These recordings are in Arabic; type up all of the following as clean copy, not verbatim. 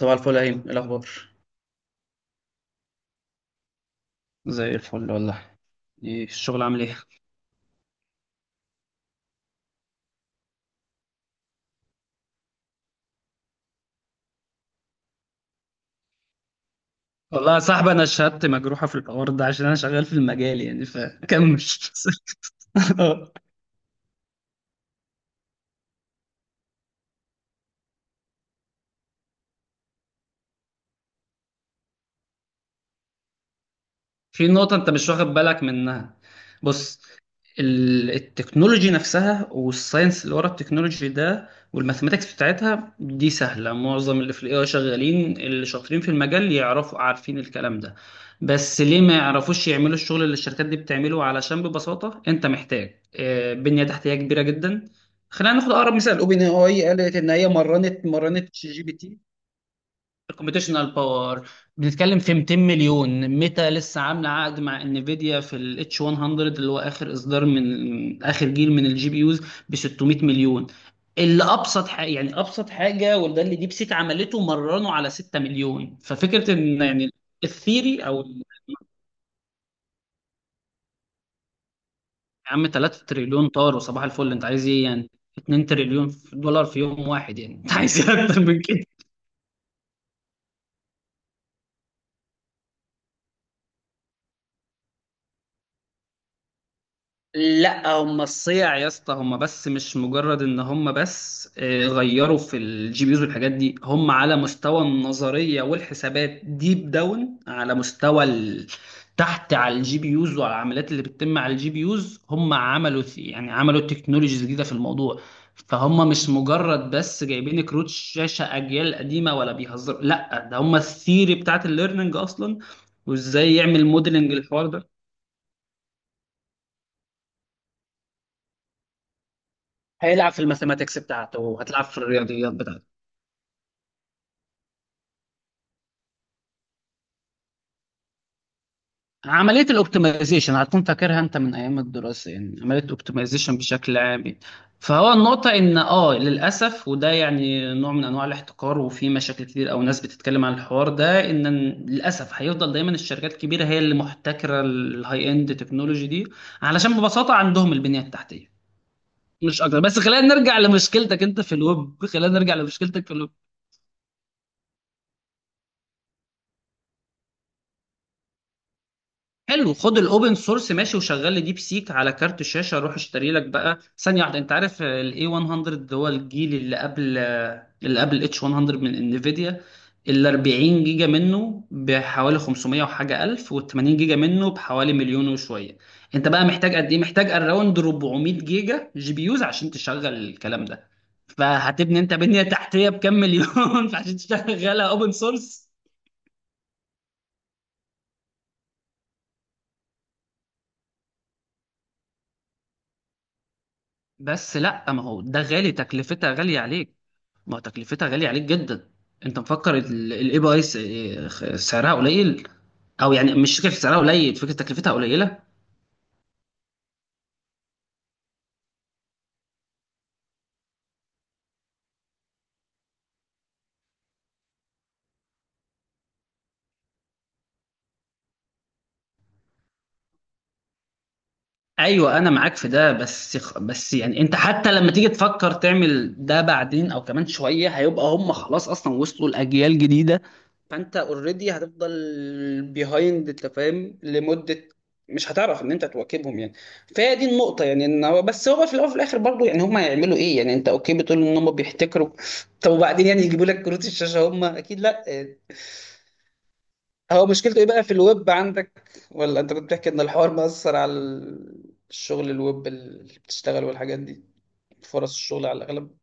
صباح الفل يا هيم، إيه الاخبار؟ زي الفل والله. ايه الشغل عامل ايه؟ والله يا صاحبي انا شهادتي مجروحه في الحوار ده عشان انا شغال في المجال يعني، فكمل. في نقطة أنت مش واخد بالك منها. بص. التكنولوجي نفسها والساينس اللي ورا التكنولوجي ده والماثيماتكس بتاعتها دي سهلة، معظم اللي في الاي اي شغالين اللي شاطرين في المجال يعرفوا، عارفين الكلام ده. بس ليه ما يعرفوش يعملوا الشغل اللي الشركات دي بتعمله؟ علشان ببساطة أنت محتاج بنية تحتية كبيرة جدا. خلينا ناخد أقرب مثال، أوبن اي اي قالت إن هي مرنت شات جي بي تي. الكمبيوتيشنال باور، بنتكلم في 200 مليون. ميتا لسه عامله عقد مع انفيديا في الاتش 100، اللي هو اخر اصدار من اخر جيل من الجي بي يوز، ب 600 مليون. اللي ابسط حاجه، يعني ابسط حاجه، وده اللي ديب سيك عملته، مرنه على 6 مليون. ففكره ان يعني الثيري، او يا عم 3 تريليون طار وصباح الفل، انت عايز ايه يعني؟ 2 تريليون دولار في يوم واحد، يعني انت عايز ايه اكتر من كده؟ لا هم الصيع يا اسطى، هم بس مش مجرد ان هم بس غيروا في الجي بيوز والحاجات دي، هم على مستوى النظريه والحسابات ديب داون على مستوى تحت، على الجي بيوز وعلى العمليات اللي بتتم على الجي بيوز، هم عملوا يعني عملوا تكنولوجيز جديده في الموضوع. فهم مش مجرد بس جايبين كروت شاشه اجيال قديمه ولا بيهزروا، لا ده هم الثيري بتاعت الليرنينج اصلا، وازاي يعمل موديلنج الحوار ده. هيلعب في الماثيماتكس بتاعته وهتلعب في الرياضيات بتاعته. عملية الاوبتمايزيشن هتكون فاكرها انت من ايام الدراسة، يعني عملية الاوبتمايزيشن بشكل عام يعني. فهو النقطة ان اه، للأسف وده يعني نوع من انواع الاحتكار، وفي مشاكل كتير او ناس بتتكلم عن الحوار ده، ان للأسف هيفضل دايما الشركات الكبيرة هي اللي محتكرة الهاي اند تكنولوجي دي، علشان ببساطة عندهم البنية التحتية، مش اكتر. بس خلينا نرجع لمشكلتك انت في الويب، خلينا نرجع لمشكلتك في الويب. حلو، خد الاوبن سورس ماشي وشغل لي ديب سيك على كارت شاشه، اروح اشتري لك بقى، ثانيه واحده، انت عارف الاي 100 هو الجيل اللي قبل اللي قبل اتش 100 من انفيديا. ال 40 جيجا منه بحوالي 500 وحاجه الف، وال 80 جيجا منه بحوالي مليون وشويه. انت بقى محتاج قد ايه؟ محتاج اراوند 400 جيجا جي بي يوز عشان تشغل الكلام ده. فهتبني انت بنيه تحتيه بكام مليون فعشان تشغلها اوبن سورس؟ بس لا، ما هو ده غالي، تكلفتها غاليه عليك، ما تكلفتها غالية عليك جدا. انت مفكر الاي بي اي سعرها قليل، او يعني مش فكرة سعرها قليل، فكرة تكلفتها قليلة. ايوه، انا معاك في ده، بس يعني انت حتى لما تيجي تفكر تعمل ده بعدين او كمان شويه، هيبقى هم خلاص اصلا وصلوا لاجيال جديده. فانت اوريدي هتفضل بيهايند، انت فاهم، لمده مش هتعرف ان انت تواكبهم يعني. فهي دي النقطه، يعني ان هو بس، هو في الاول وفي الاخر برضه، يعني هم هيعملوا ايه يعني؟ انت اوكي بتقول ان هم بيحتكروا، طب وبعدين؟ يعني يجيبوا لك كروت الشاشه هم؟ اكيد لا. هو مشكلته ايه بقى في الويب عندك، ولا انت كنت بتحكي ان الحوار مأثر على الشغل الويب اللي بتشتغل والحاجات دي؟ فرص الشغل على الاغلب.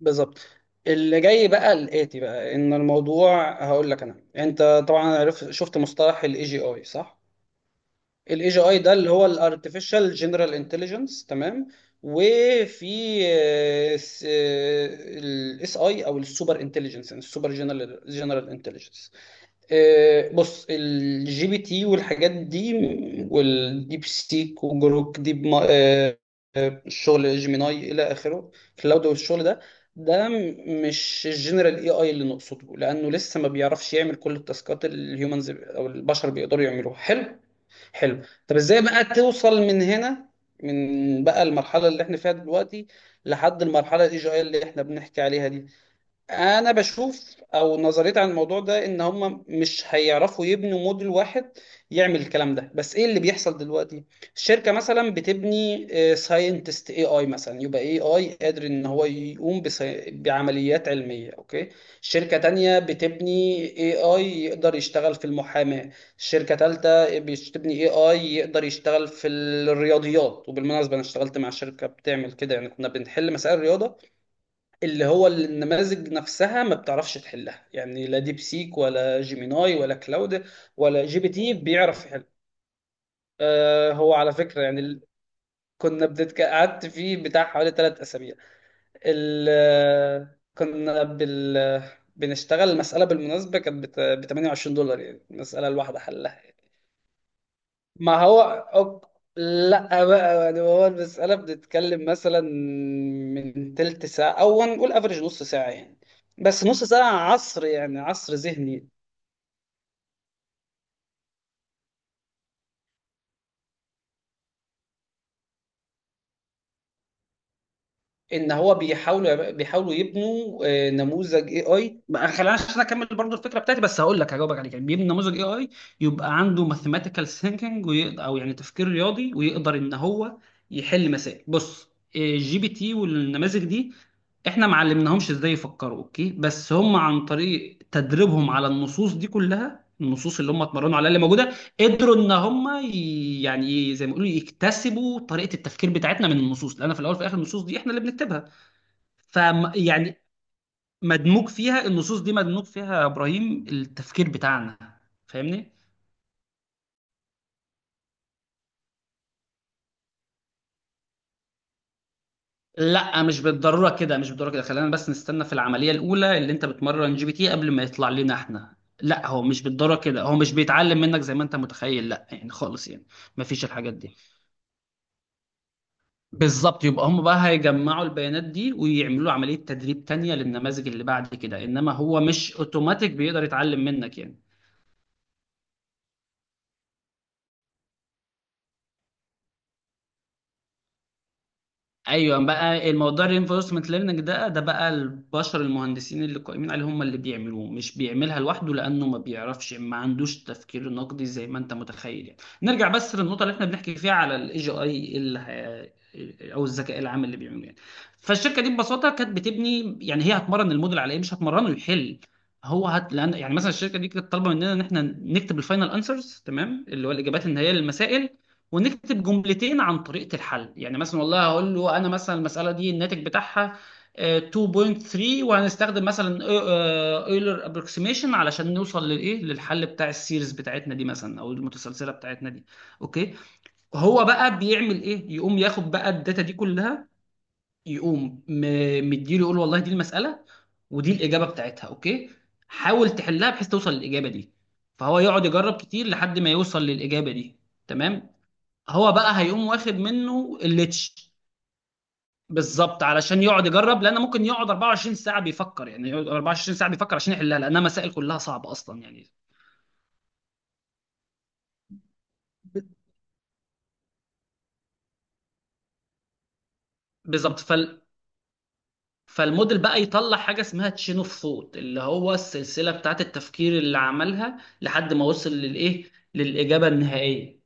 بالظبط. اللي جاي بقى، الاتي بقى، ان الموضوع هقول لك انا، انت طبعا عرفت شفت مصطلح الاي جي اي صح؟ الاي جي اي ده اللي هو الارتفيشال جنرال انتليجنس، تمام. وفي الاس اي، او السوبر انتليجنس، السوبر جنرال انتليجنس. بص، الجي بي تي والحاجات دي والديب سيك وجروك ديب الشغل جيميناي الى اخره، كلاود والشغل ده، ده مش الجنرال اي اي اللي نقصده، لانه لسه ما بيعرفش يعمل كل التاسكات اللي الهيومنز او البشر بيقدروا يعملوها. حلو، حلو. طب ازاي بقى توصل من هنا، من بقى المرحله اللي احنا فيها دلوقتي، لحد المرحله الاي جي اي اللي احنا بنحكي عليها دي؟ انا بشوف او نظريتي عن الموضوع ده ان هم مش هيعرفوا يبنوا موديل واحد يعمل الكلام ده. بس ايه اللي بيحصل دلوقتي؟ الشركه مثلا بتبني ساينتست اي اي مثلا، يبقى اي اي قادر ان هو يقوم بعمليات علميه، اوكي. شركه تانية بتبني اي اي يقدر يشتغل في المحاماه، شركه تالتة بتبني اي اي يقدر يشتغل في الرياضيات. وبالمناسبه انا اشتغلت مع شركه بتعمل كده، يعني كنا بنحل مسائل رياضه اللي هو النماذج نفسها ما بتعرفش تحلها، يعني لا ديب سيك ولا جيميناي ولا كلاود ولا جي بي تي بيعرف يحل. آه هو على فكرة يعني قعدت فيه بتاع حوالي ثلاث أسابيع. ال... آه، كنا بال... بنشتغل المسألة، بالمناسبة كانت ب 28 دولار، يعني المسألة الواحدة حلها. ما هو أوك... لا بقى، يعني هو المسألة بنتكلم مثلا من تلت ساعة، أو هنقول افريج نص ساعة يعني، بس نص ساعة عصر يعني، عصر ذهني. ان هو بيحاولوا يبنوا نموذج اي اي، خلينا عشان اكمل برضو الفكره بتاعتي، بس هقول لك، هجاوبك عليك، يعني بيبني نموذج اي اي يبقى عنده ماثيماتيكال ثينكينج، او يعني تفكير رياضي، ويقدر ان هو يحل مسائل. بص، الجي بي تي والنماذج دي احنا ما علمناهمش ازاي يفكروا، اوكي، بس هم عن طريق تدريبهم على النصوص دي كلها، النصوص اللي هم اتمرنوا عليها اللي موجوده، قدروا ان هم يعني إيه زي ما يقولوا، يكتسبوا طريقه التفكير بتاعتنا من النصوص، لان في الاول وفي الاخر النصوص دي احنا اللي بنكتبها. ف، يعني، مدموج فيها، النصوص دي مدموج فيها يا ابراهيم التفكير بتاعنا، فاهمني؟ لا، مش بالضروره كده، خلينا بس نستنى، في العمليه الاولى اللي انت بتمرن جي بي تي قبل ما يطلع لنا احنا، لا هو مش بالضروره كده، هو مش بيتعلم منك زي ما انت متخيل، لا يعني خالص يعني، مفيش الحاجات دي. بالظبط، يبقى هم بقى هيجمعوا البيانات دي ويعملوا عملية تدريب تانية للنماذج اللي بعد كده، انما هو مش اوتوماتيك بيقدر يتعلم منك يعني. ايوه بقى الموضوع الرينفورسمنت ليرنينج ده بقى البشر المهندسين اللي قائمين عليه هم اللي بيعملوه، مش بيعملها لوحده، لانه ما بيعرفش، ما عندوش تفكير نقدي زي ما انت متخيل يعني. نرجع بس للنقطه اللي احنا بنحكي فيها على الاي جي اي، او الذكاء العام اللي بيعملوه يعني. فالشركه دي ببساطه كانت بتبني، يعني هي هتمرن الموديل على ايه؟ مش هتمرنه يحل، لان يعني مثلا الشركه دي كانت طالبه مننا ان احنا نكتب الفاينل انسرز، تمام، اللي هو الاجابات النهائيه للمسائل، ونكتب جملتين عن طريقة الحل، يعني مثلا والله هقول له انا مثلا المسألة دي الناتج بتاعها 2.3، وهنستخدم مثلا اويلر ابروكسيميشن علشان نوصل للايه، للحل بتاع السيريز بتاعتنا دي مثلا، او المتسلسلة بتاعتنا دي، اوكي. هو بقى بيعمل ايه؟ يقوم ياخد بقى الداتا دي كلها، يقوم مديله يقول والله دي المسألة ودي الإجابة بتاعتها، اوكي، حاول تحلها بحيث توصل للإجابة دي. فهو يقعد يجرب كتير لحد ما يوصل للإجابة دي، تمام. هو بقى هيقوم واخد منه الليتش. بالظبط، علشان يقعد يجرب، لان ممكن يقعد 24 ساعه بيفكر، يعني يقعد 24 ساعه بيفكر عشان يحلها لانها مسائل كلها صعبه اصلا يعني. ب- بالظبط فالموديل بقى يطلع حاجه اسمها تشين اوف ثوت، اللي هو السلسله بتاعت التفكير اللي عملها لحد ما وصل للايه، للاجابه النهائيه.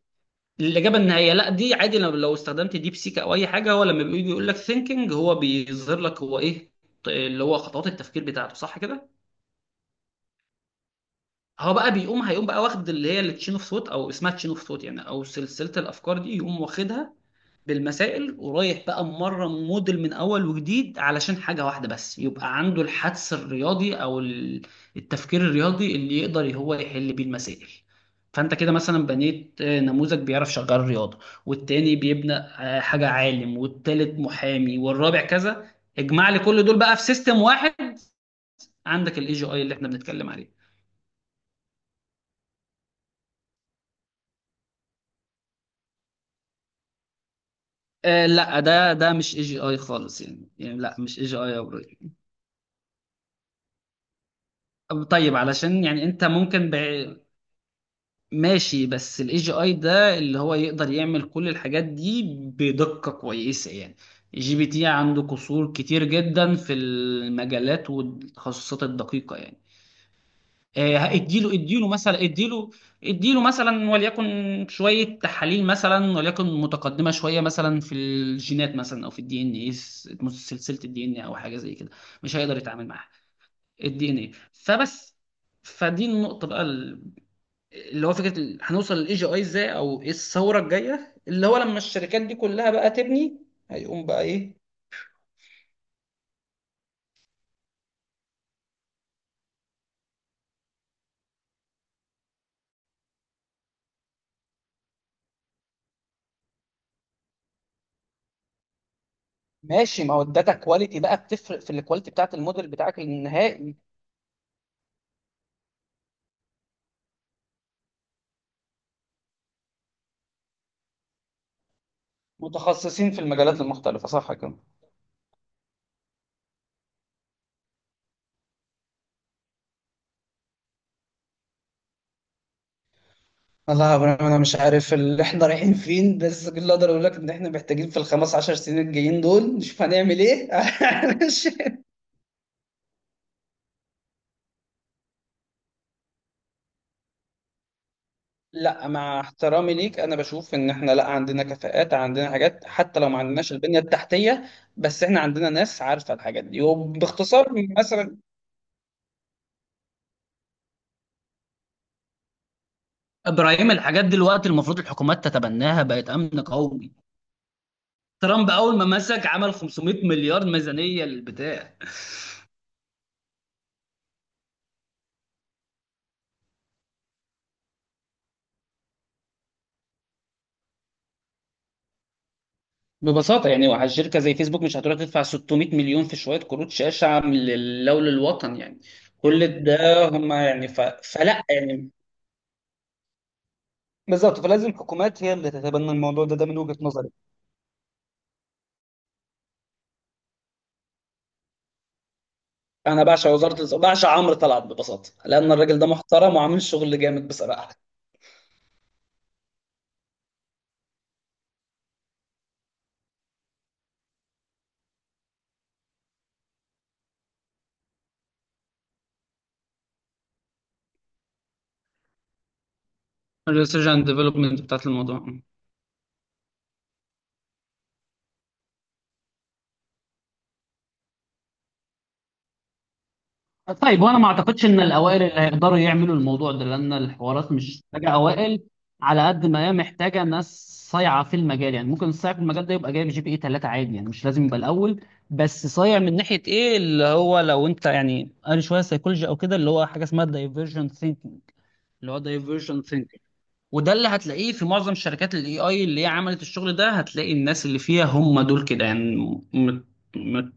الاجابه النهائيه لا دي عادي، لو استخدمت ديب سيك او اي حاجه هو لما بيجي يقول لك ثينكينج هو بيظهر لك هو ايه، اللي هو خطوات التفكير بتاعته، صح كده؟ هو بقى بيقوم، هيقوم بقى واخد اللي هي التشين اوف ثوت، او اسمها تشين اوف ثوت يعني، او سلسله الافكار دي، يقوم واخدها بالمسائل، ورايح بقى مره موديل من اول وجديد، علشان حاجه واحده بس، يبقى عنده الحدس الرياضي، التفكير الرياضي اللي يقدر هو يحل بيه المسائل. فانت كده مثلا بنيت نموذج بيعرف شغال رياضه، والتاني بيبنى حاجه عالم، والتالت محامي، والرابع كذا. اجمع لي كل دول بقى في سيستم واحد، عندك الاي جي اي اللي احنا بنتكلم عليه. آه لا، ده مش اي جي اي خالص يعني لا مش اي جي اي يا برو. طيب علشان يعني انت ممكن ماشي، بس الاي جي اي ده اللي هو يقدر يعمل كل الحاجات دي بدقة كويسة يعني. جي بي تي عنده قصور كتير جدا في المجالات والتخصصات الدقيقة يعني. اديله، اديله مثلا وليكن شويه تحاليل مثلا وليكن متقدمه شويه مثلا في الجينات مثلا، او في الدي ان اي، سلسله الدي ان او حاجه زي كده، مش هيقدر يتعامل معاها، الدي ان اي، فبس. فدي النقطه بقى، اللي هو فكره هنوصل للاي جي اي ازاي، او ايه الثوره الجايه اللي هو لما الشركات دي كلها بقى تبني، هيقوم بقى ايه. ماشي، ما هو الداتا كواليتي بقى بتفرق في الكواليتي بتاعت الموديل بتاعك النهائي. متخصصين في المجالات المختلفة، صح كده. والله يا ابراهيم انا مش عارف اللي احنا رايحين فين، بس كل اللي اقدر اقول لك ان احنا محتاجين في الـ 15 سنين الجايين دول نشوف هنعمل ايه علشان. لا مع احترامي ليك، انا بشوف ان احنا، لا عندنا كفاءات، عندنا حاجات حتى لو ما عندناش البنية التحتية، بس احنا عندنا ناس عارفة الحاجات دي، وباختصار مثلا، ابراهيم الحاجات دلوقتي المفروض الحكومات تتبناها، بقت امن قومي. ترامب اول ما مسك عمل 500 مليار ميزانيه للبتاع. ببساطة يعني واحد شركة زي فيسبوك مش هتروح تدفع 600 مليون في شوية كروت شاشة من لله وللوطن يعني. كل ده هم يعني، فلا يعني، بالظبط فلازم الحكومات هي اللي تتبنى الموضوع ده، ده من وجهة نظري. انا بعشق بعشق عمرو طلعت، ببساطة، لأن الراجل ده محترم وعامل شغل جامد بصراحة. الريسيرش اند ديفلوبمنت بتاعت الموضوع. طيب وانا ما اعتقدش ان الاوائل اللي هيقدروا يعملوا الموضوع ده، لان الحوارات مش محتاجه اوائل على قد ما هي محتاجه ناس صايعه في المجال، يعني ممكن الصايع في المجال ده يبقى جايب جي بي اي 3 عادي يعني، مش لازم يبقى الاول. بس صايع من ناحيه ايه، اللي هو لو انت يعني قال شويه سيكولوجي او كده، اللي هو حاجه اسمها الدايفرجنت ثينكينج، اللي هو دايفرجنت. وده اللي هتلاقيه في معظم شركات الاي اي اللي هي عملت الشغل ده، هتلاقي الناس اللي فيها هم دول كده يعني، مت... مت...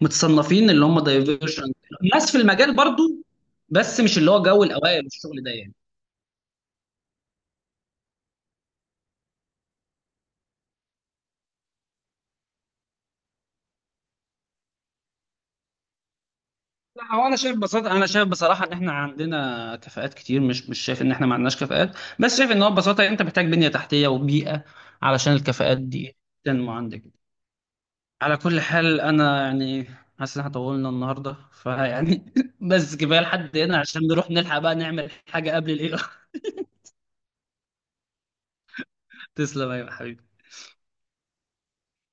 متصنفين اللي هم دايفيرجن. ناس في المجال برضو، بس مش اللي هو جو الاوائل والشغل ده يعني. لا هو انا شايف ببساطه، انا شايف بصراحه ان احنا عندنا كفاءات كتير، مش شايف ان احنا ما عندناش كفاءات، بس شايف ان هو ببساطه انت محتاج بنيه تحتيه وبيئه علشان الكفاءات دي تنمو عندك. على كل حال انا يعني حاسس ان احنا طولنا النهارده فيعني بس، كفايه لحد هنا عشان نروح نلحق بقى نعمل حاجه قبل الايه. تسلم يا حبيبي.